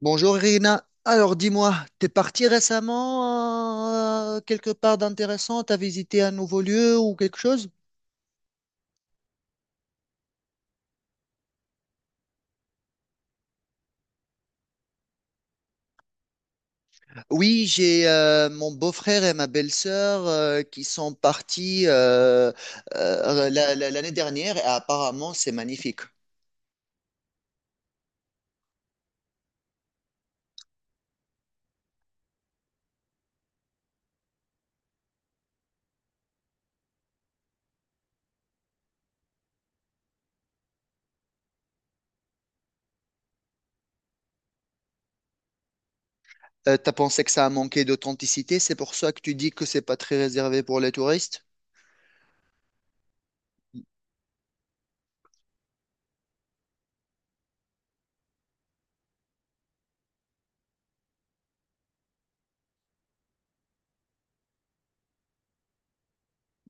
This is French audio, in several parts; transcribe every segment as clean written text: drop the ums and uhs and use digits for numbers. Bonjour Irina. Alors dis-moi, t'es parti récemment quelque part d'intéressant? T'as visité un nouveau lieu ou quelque chose? Oui, j'ai mon beau-frère et ma belle-sœur qui sont partis l'année dernière et apparemment c'est magnifique. T'as pensé que ça a manqué d'authenticité, c'est pour ça que tu dis que c'est pas très réservé pour les touristes?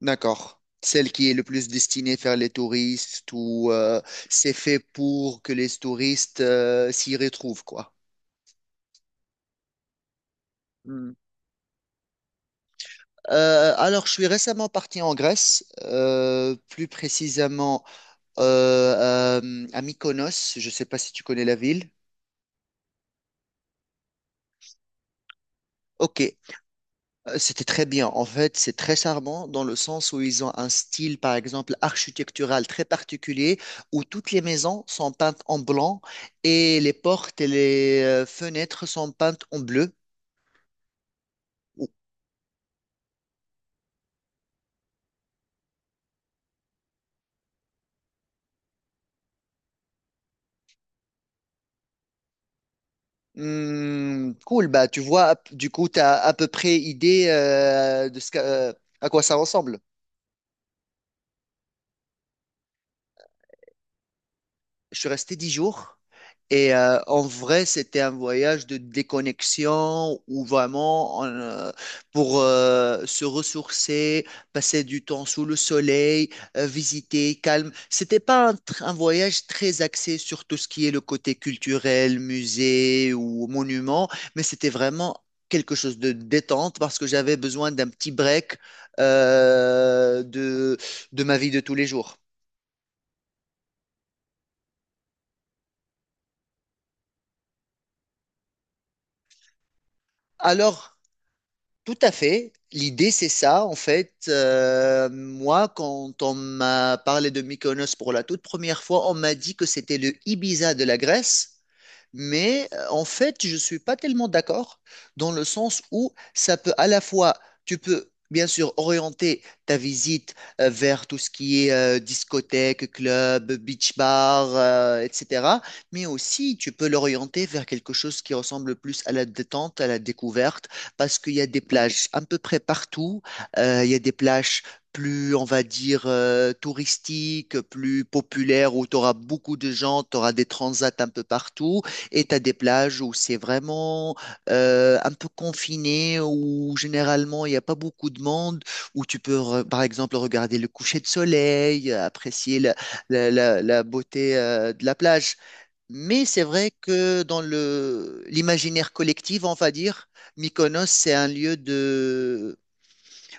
D'accord. Celle qui est le plus destinée vers les touristes ou c'est fait pour que les touristes s'y retrouvent, quoi. Hmm. Alors, je suis récemment parti en Grèce, plus précisément à Mykonos. Je ne sais pas si tu connais la ville. Ok. C'était très bien. En fait, c'est très charmant dans le sens où ils ont un style, par exemple, architectural très particulier, où toutes les maisons sont peintes en blanc et les portes et les fenêtres sont peintes en bleu. Hmm, cool, bah tu vois, du coup, tu as à peu près idée de ce à quoi ça ressemble. Je suis resté 10 jours. Et en vrai, c'était un voyage de déconnexion où vraiment on, pour se ressourcer, passer du temps sous le soleil, visiter, calme. C'était pas un, un voyage très axé sur tout ce qui est le côté culturel, musée ou monument, mais c'était vraiment quelque chose de détente parce que j'avais besoin d'un petit break euh, de, de ma vie de tous les jours. Alors, tout à fait. L'idée, c'est ça. En fait, moi, quand on m'a parlé de Mykonos pour la toute première fois, on m'a dit que c'était le Ibiza de la Grèce. Mais en fait, je ne suis pas tellement d'accord dans le sens où ça peut à la fois, tu peux bien sûr orienter ta visite vers tout ce qui est discothèque, club, beach bar, etc. Mais aussi, tu peux l'orienter vers quelque chose qui ressemble plus à la détente, à la découverte, parce qu'il y a des plages à peu près partout. Il y a des plages plus, on va dire, touristiques, plus populaires, où tu auras beaucoup de gens, tu auras des transats un peu partout. Et t'as des plages où c'est vraiment un peu confiné, où généralement il n'y a pas beaucoup de monde, où tu peux par exemple regarder le coucher de soleil, apprécier la, la beauté de la plage. Mais c'est vrai que dans le l'imaginaire collectif, on va dire, Mykonos, c'est un lieu de,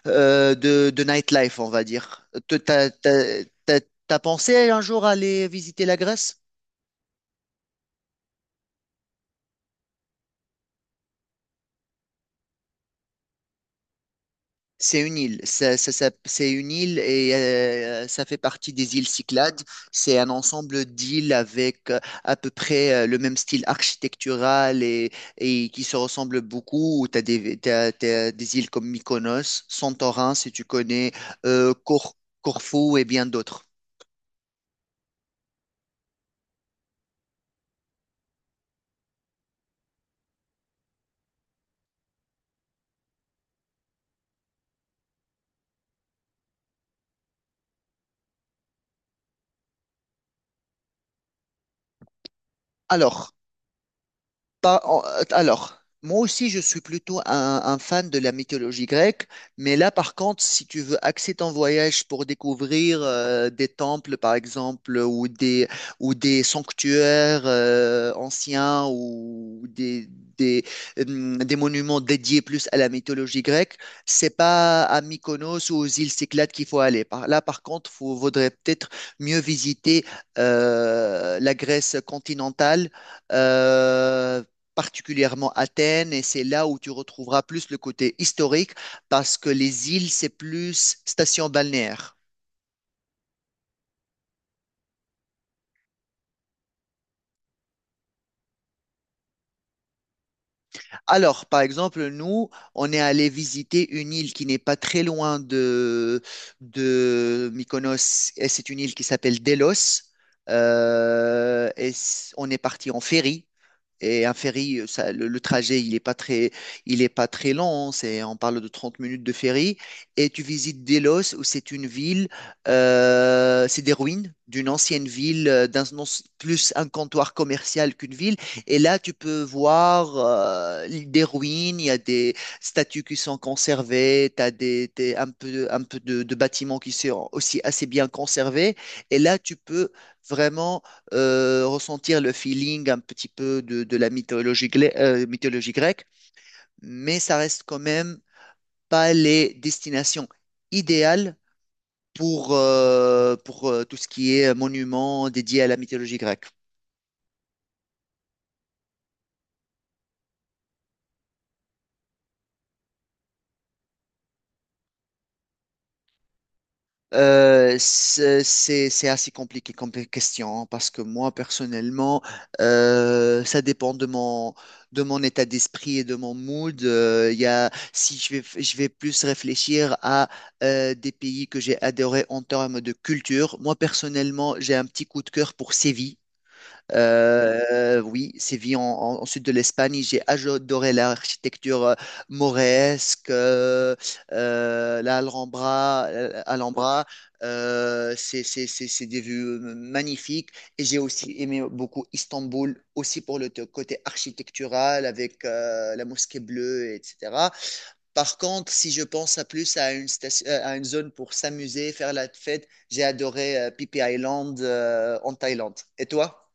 de nightlife, on va dire. T'as pensé un jour aller visiter la Grèce? C'est une île, c'est une île et ça fait partie des îles Cyclades. C'est un ensemble d'îles avec à peu près le même style architectural et qui se ressemblent beaucoup. Tu as des, t'as des îles comme Mykonos, Santorin, si tu connais, euh, Cor- Corfou et bien d'autres. Alors, Pas en- Alors, moi aussi, je suis plutôt un fan de la mythologie grecque, mais là, par contre, si tu veux axer ton voyage pour découvrir des temples, par exemple, ou des sanctuaires anciens, ou des, des monuments dédiés plus à la mythologie grecque, c'est pas à Mykonos ou aux îles Cyclades qu'il faut aller. Là, par contre, il vaudrait peut-être mieux visiter la Grèce continentale euh, particulièrement Athènes, et c'est là où tu retrouveras plus le côté historique, parce que les îles, c'est plus station balnéaire. Alors, par exemple, nous, on est allé visiter une île qui n'est pas très loin de, Mykonos, et c'est une île qui s'appelle Delos. On est parti en ferry. Et un ferry, ça, le trajet, il est pas très long, hein. C'est, on parle de 30 minutes de ferry. Et tu visites Delos, où c'est une ville, c'est des ruines d'une ancienne ville, d'un, non, c'est plus un comptoir commercial qu'une ville. Et là, tu peux voir des ruines, il y a des statues qui sont conservées, tu as des, un peu de bâtiments qui sont aussi assez bien conservés. Et là, tu peux vraiment ressentir le feeling un petit peu de la mythologie, mythologie grecque, mais ça reste quand même pas les destinations idéales pour, tout ce qui est monument dédié à la mythologie grecque. C'est assez compliqué comme question parce que moi personnellement, ça dépend de mon état d'esprit et de mon mood. Il y a, si je vais plus réfléchir à des pays que j'ai adorés en termes de culture. Moi personnellement, j'ai un petit coup de cœur pour Séville. Oui, Séville en, en sud de l'Espagne, j'ai adoré l'architecture mauresque, la Alhambra, Alhambra, c'est des vues magnifiques. Et j'ai aussi aimé beaucoup Istanbul, aussi pour le côté architectural, avec la mosquée bleue, etc. Par contre, si je pense à plus à une, à une zone pour s'amuser, faire la fête, j'ai adoré Phi Phi Island en Thaïlande. Et toi?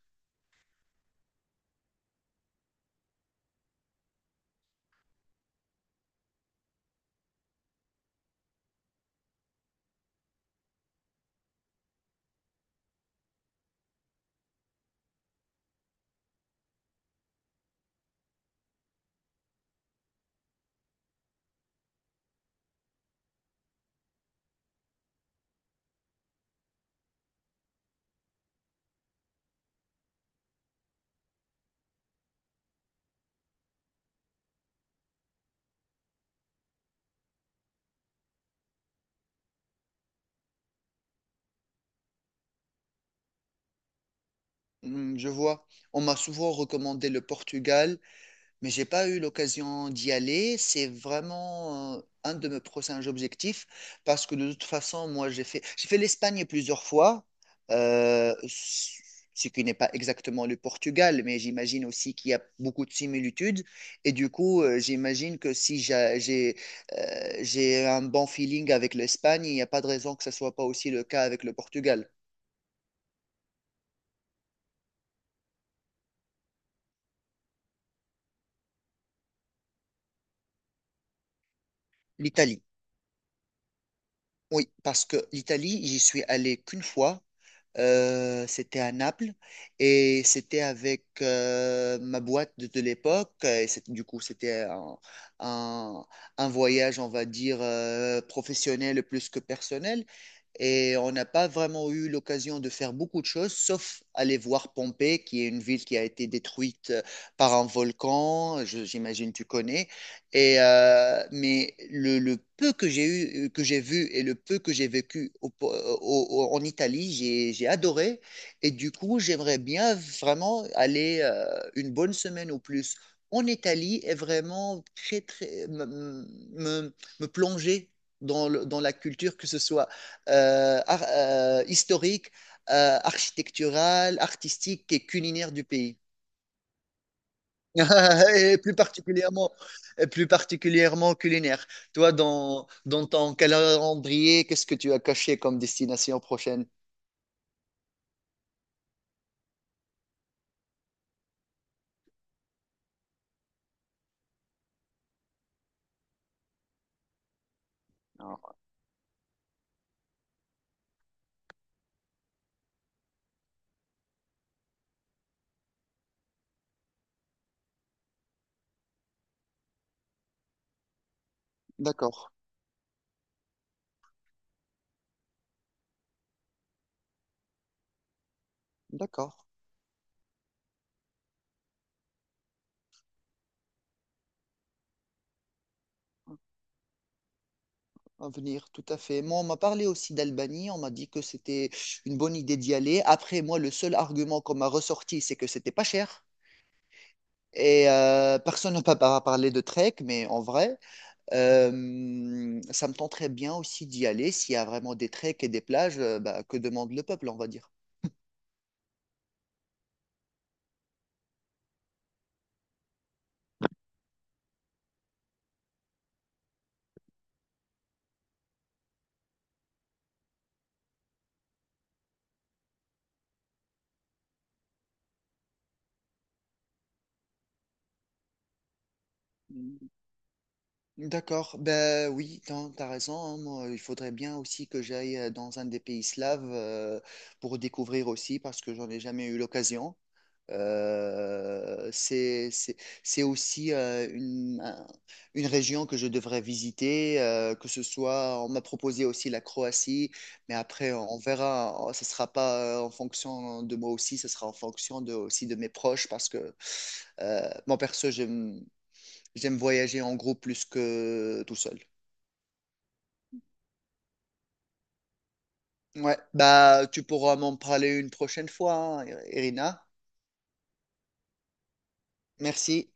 Hmm, je vois. On m'a souvent recommandé le Portugal, mais j'ai pas eu l'occasion d'y aller. C'est vraiment un de mes prochains objectifs parce que de toute façon, moi, j'ai fait l'Espagne plusieurs fois, euh, ce qui n'est pas exactement le Portugal, mais j'imagine aussi qu'il y a beaucoup de similitudes. Et du coup, j'imagine que si j'ai un bon feeling avec l'Espagne, il n'y a pas de raison que ce soit pas aussi le cas avec le Portugal, l'Italie. Oui, parce que l'Italie, j'y suis allé qu'une fois. C'était à Naples et c'était avec ma boîte de, l'époque. Du coup, c'était un, un- un voyage, on va dire, professionnel plus que personnel. Et on n'a pas vraiment eu l'occasion de faire beaucoup de choses, sauf aller voir Pompée, qui est une ville qui a été détruite par un volcan. J'imagine tu connais. Et, mais le peu que j'ai eu, que j'ai vu et le peu que j'ai vécu en Italie, j'ai adoré. Et du coup, j'aimerais bien vraiment aller une bonne semaine ou plus en Italie et vraiment très, très, me, me plonger dans la culture, que ce soit historique, architecturale, artistique et culinaire du pays. Et plus particulièrement, et plus particulièrement culinaire. Toi, dans ton calendrier, qu'est-ce que tu as caché comme destination prochaine? Ah, d'accord, d'accord. À venir, tout à fait. Moi, on m'a parlé aussi d'Albanie. On m'a dit que c'était une bonne idée d'y aller. Après, moi, le seul argument qu'on m'a ressorti, c'est que c'était pas cher. Et personne n'a pas par- parlé de trek, mais en vrai, ça me tenterait bien aussi d'y aller. S'il y a vraiment des treks et des plages, bah, que demande le peuple, on va dire. D'accord, ben oui, t'as raison, hein. Moi, il faudrait bien aussi que j'aille dans un des pays slaves pour découvrir aussi, parce que j'en ai jamais eu l'occasion. Euh, c'est, c'est, c'est aussi une, une région que je devrais visiter, que ce soit, on m'a proposé aussi la Croatie, mais après on verra, hein. Ce sera pas en fonction de moi aussi, ce sera en fonction de, aussi de mes proches, parce que moi perso, j'aime voyager en groupe plus que tout seul. Ouais, bah tu pourras m'en parler une prochaine fois, hein, Irina. Merci.